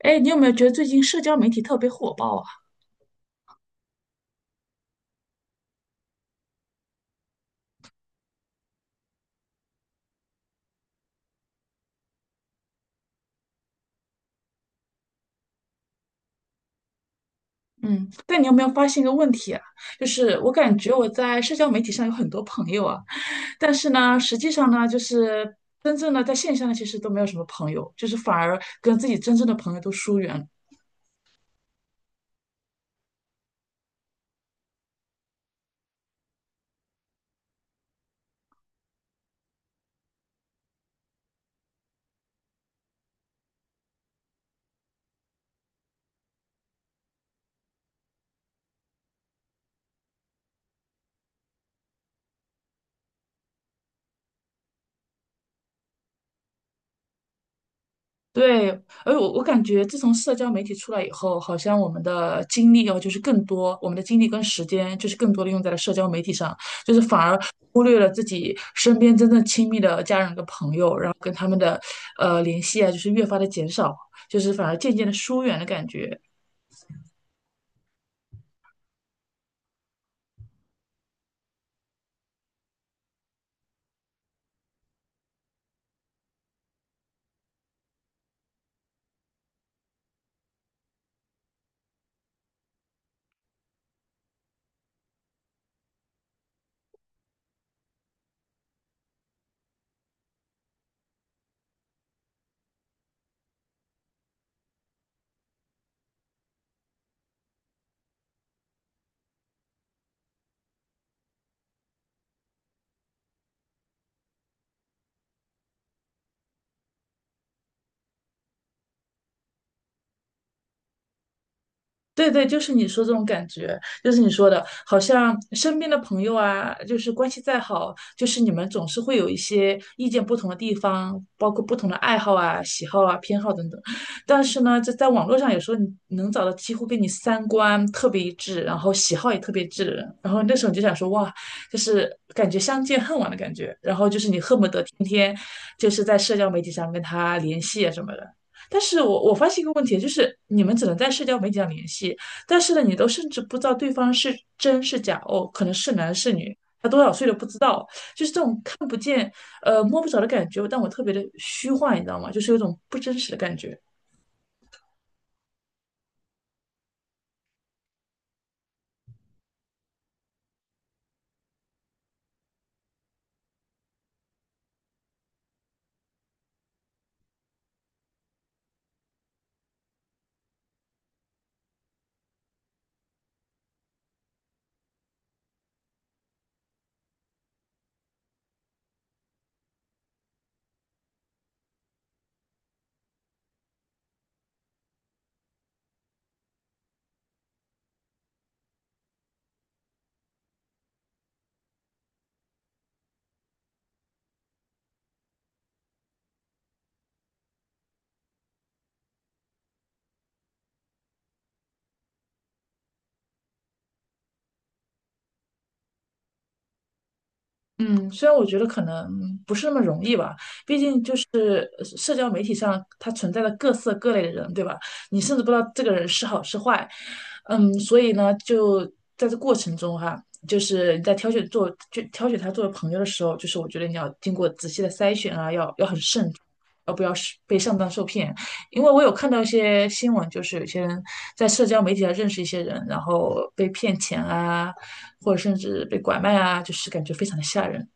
哎，你有没有觉得最近社交媒体特别火爆啊？嗯，但你有没有发现一个问题啊？就是我感觉我在社交媒体上有很多朋友啊，但是呢，实际上呢，就是真正的在线下呢，其实都没有什么朋友，就是反而跟自己真正的朋友都疏远了。对，而我感觉自从社交媒体出来以后，好像我们的精力哦，就是更多，我们的精力跟时间就是更多的用在了社交媒体上，就是反而忽略了自己身边真正亲密的家人跟朋友，然后跟他们的联系啊，就是越发的减少，就是反而渐渐的疏远的感觉。对对，就是你说这种感觉，就是你说的，好像身边的朋友啊，就是关系再好，就是你们总是会有一些意见不同的地方，包括不同的爱好啊、喜好啊、偏好等等。但是呢，这在网络上有时候你能找到几乎跟你三观特别一致，然后喜好也特别一致的人，然后那时候你就想说，哇，就是感觉相见恨晚的感觉，然后就是你恨不得天天就是在社交媒体上跟他联系啊什么的。但是我发现一个问题，就是你们只能在社交媒体上联系，但是呢，你都甚至不知道对方是真是假哦，可能是男是女，他多少岁都不知道，就是这种看不见、摸不着的感觉，但我特别的虚幻，你知道吗？就是有种不真实的感觉。嗯，虽然我觉得可能不是那么容易吧，毕竟就是社交媒体上它存在的各色各类的人，对吧？你甚至不知道这个人是好是坏，嗯，所以呢，就在这过程中哈，就是你在挑选做就挑选他作为朋友的时候，就是我觉得你要经过仔细的筛选啊，要很慎重，要不要是被上当受骗？因为我有看到一些新闻，就是有些人在社交媒体上认识一些人，然后被骗钱啊，或者甚至被拐卖啊，就是感觉非常的吓人。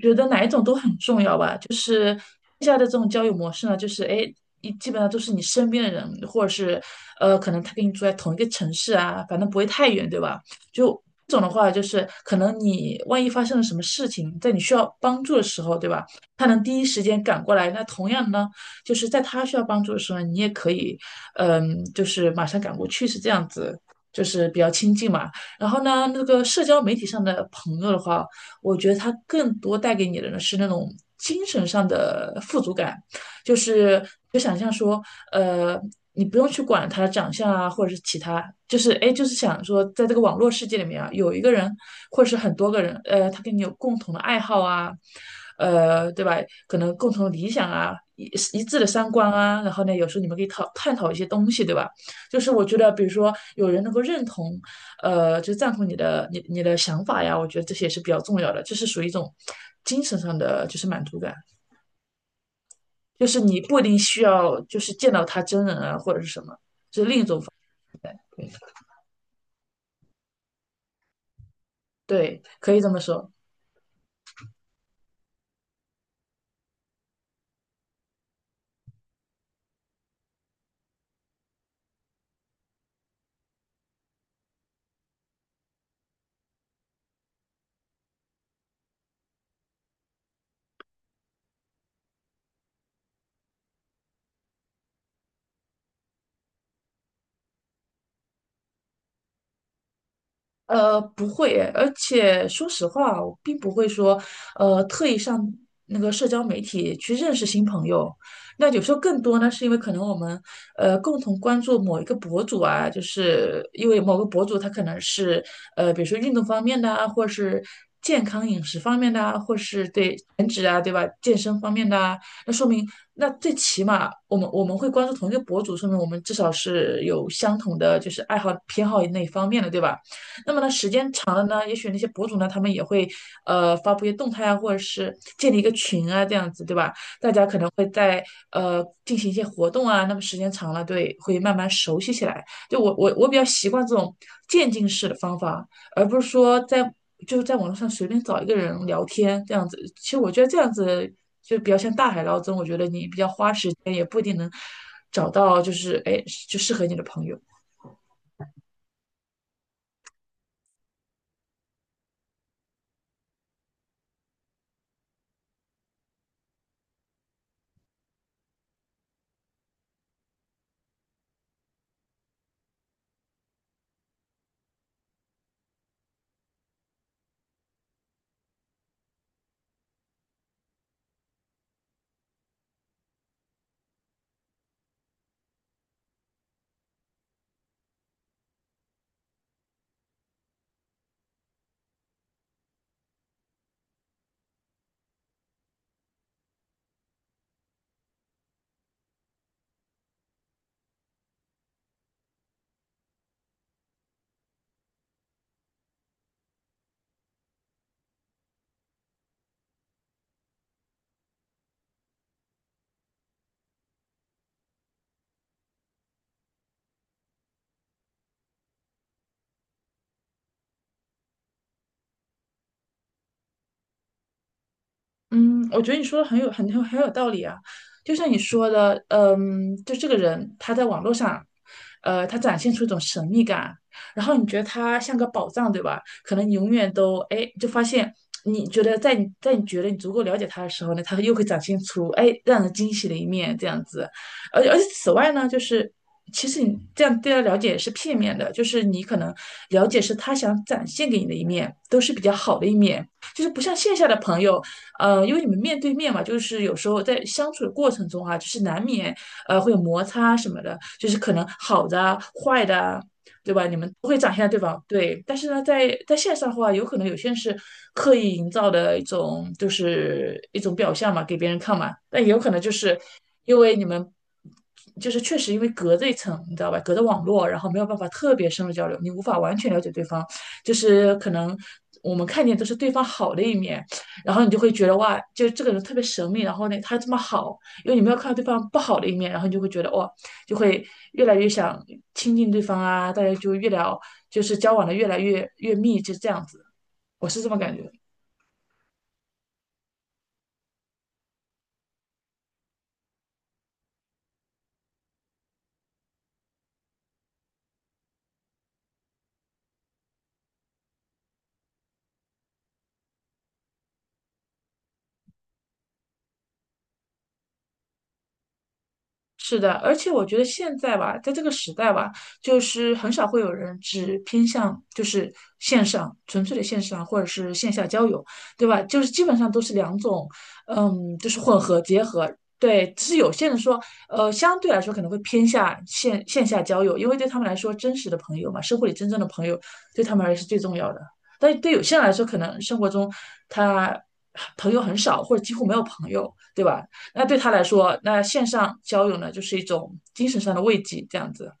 觉得哪一种都很重要吧。就是现在的这种交友模式呢，就是哎，你基本上都是你身边的人，或者是可能他跟你住在同一个城市啊，反正不会太远，对吧？就这种的话，就是可能你万一发生了什么事情，在你需要帮助的时候，对吧？他能第一时间赶过来。那同样呢，就是在他需要帮助的时候，你也可以，嗯，就是马上赶过去，是这样子。就是比较亲近嘛，然后呢，那个社交媒体上的朋友的话，我觉得它更多带给你的呢是那种精神上的富足感，就是就想象说，呃，你不用去管他的长相啊，或者是其他，就是哎，就是想说，在这个网络世界里面啊，有一个人或者是很多个人，他跟你有共同的爱好啊，对吧？可能共同的理想啊，一致的三观啊，然后呢，有时候你们可以讨探讨一些东西，对吧？就是我觉得，比如说有人能够认同就赞同你的想法呀，我觉得这些也是比较重要的，这是属于一种精神上的就是满足感，就是你不一定需要就是见到他真人啊或者是什么，对，可以这么说。不会诶而且说实话，我并不会说，特意上那个社交媒体去认识新朋友。那有时候更多呢，是因为可能我们共同关注某一个博主啊，就是因为某个博主他可能是比如说运动方面的啊，或是健康饮食方面的啊，或是对减脂啊，对吧？健身方面的啊，那说明那最起码我们会关注同一个博主，说明我们至少是有相同的就是爱好偏好那一方面的，对吧？那么呢，时间长了呢，也许那些博主呢，他们也会发布一些动态啊，或者是建立一个群啊，这样子，对吧？大家可能会在进行一些活动啊，那么时间长了，对，会慢慢熟悉起来。就我比较习惯这种渐进式的方法，而不是说在就是在网络上随便找一个人聊天这样子。其实我觉得这样子就比较像大海捞针，我觉得你比较花时间，也不一定能找到就是哎就适合你的朋友。嗯，我觉得你说的很有道理啊，就像你说的，嗯，就这个人他在网络上，他展现出一种神秘感，然后你觉得他像个宝藏，对吧？可能你永远都，哎，就发现你觉得在你觉得你足够了解他的时候呢，他又会展现出哎让人惊喜的一面，这样子。而且此外呢，就是其实你这样对他了解是片面的，就是你可能了解是他想展现给你的一面，都是比较好的一面。就是不像线下的朋友，因为你们面对面嘛，就是有时候在相处的过程中啊，就是难免会有摩擦什么的，就是可能好的啊、坏的啊，对吧？你们都会展现对方对，但是呢，在线上的话，有可能有些人是刻意营造的一种就是一种表象嘛，给别人看嘛，但也有可能就是因为你们。就是确实因为隔着一层，你知道吧？隔着网络，然后没有办法特别深入交流，你无法完全了解对方。就是可能我们看见都是对方好的一面，然后你就会觉得哇，就是这个人特别神秘，然后呢，他这么好，因为你没有看到对方不好的一面，然后你就会觉得哇，就会越来越想亲近对方啊，大家就越聊，就是交往的越来越密，就这样子，我是这么感觉。是的，而且我觉得现在吧，在这个时代吧，就是很少会有人只偏向就是线上，纯粹的线上或者是线下交友，对吧？就是基本上都是两种，嗯，就是混合结合。对，只是有些人说，相对来说可能会偏向线下交友，因为对他们来说，真实的朋友嘛，生活里真正的朋友对他们而言是最重要的。但对有些人来说，可能生活中他朋友很少，或者几乎没有朋友，对吧？那对他来说，那线上交友呢，就是一种精神上的慰藉，这样子。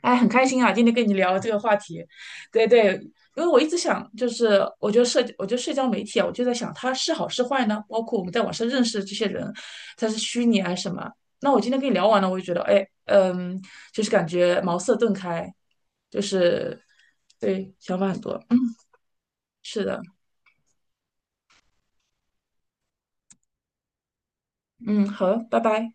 哎，很开心啊，今天跟你聊这个话题。对对，因为我一直想，就是我觉得社，我觉得社交媒体啊，我就在想它是好是坏呢？包括我们在网上认识的这些人，他是虚拟还是什么？那我今天跟你聊完了，我就觉得，哎，嗯，就是感觉茅塞顿开，就是对，想法很多。嗯，是的，嗯，好，拜拜。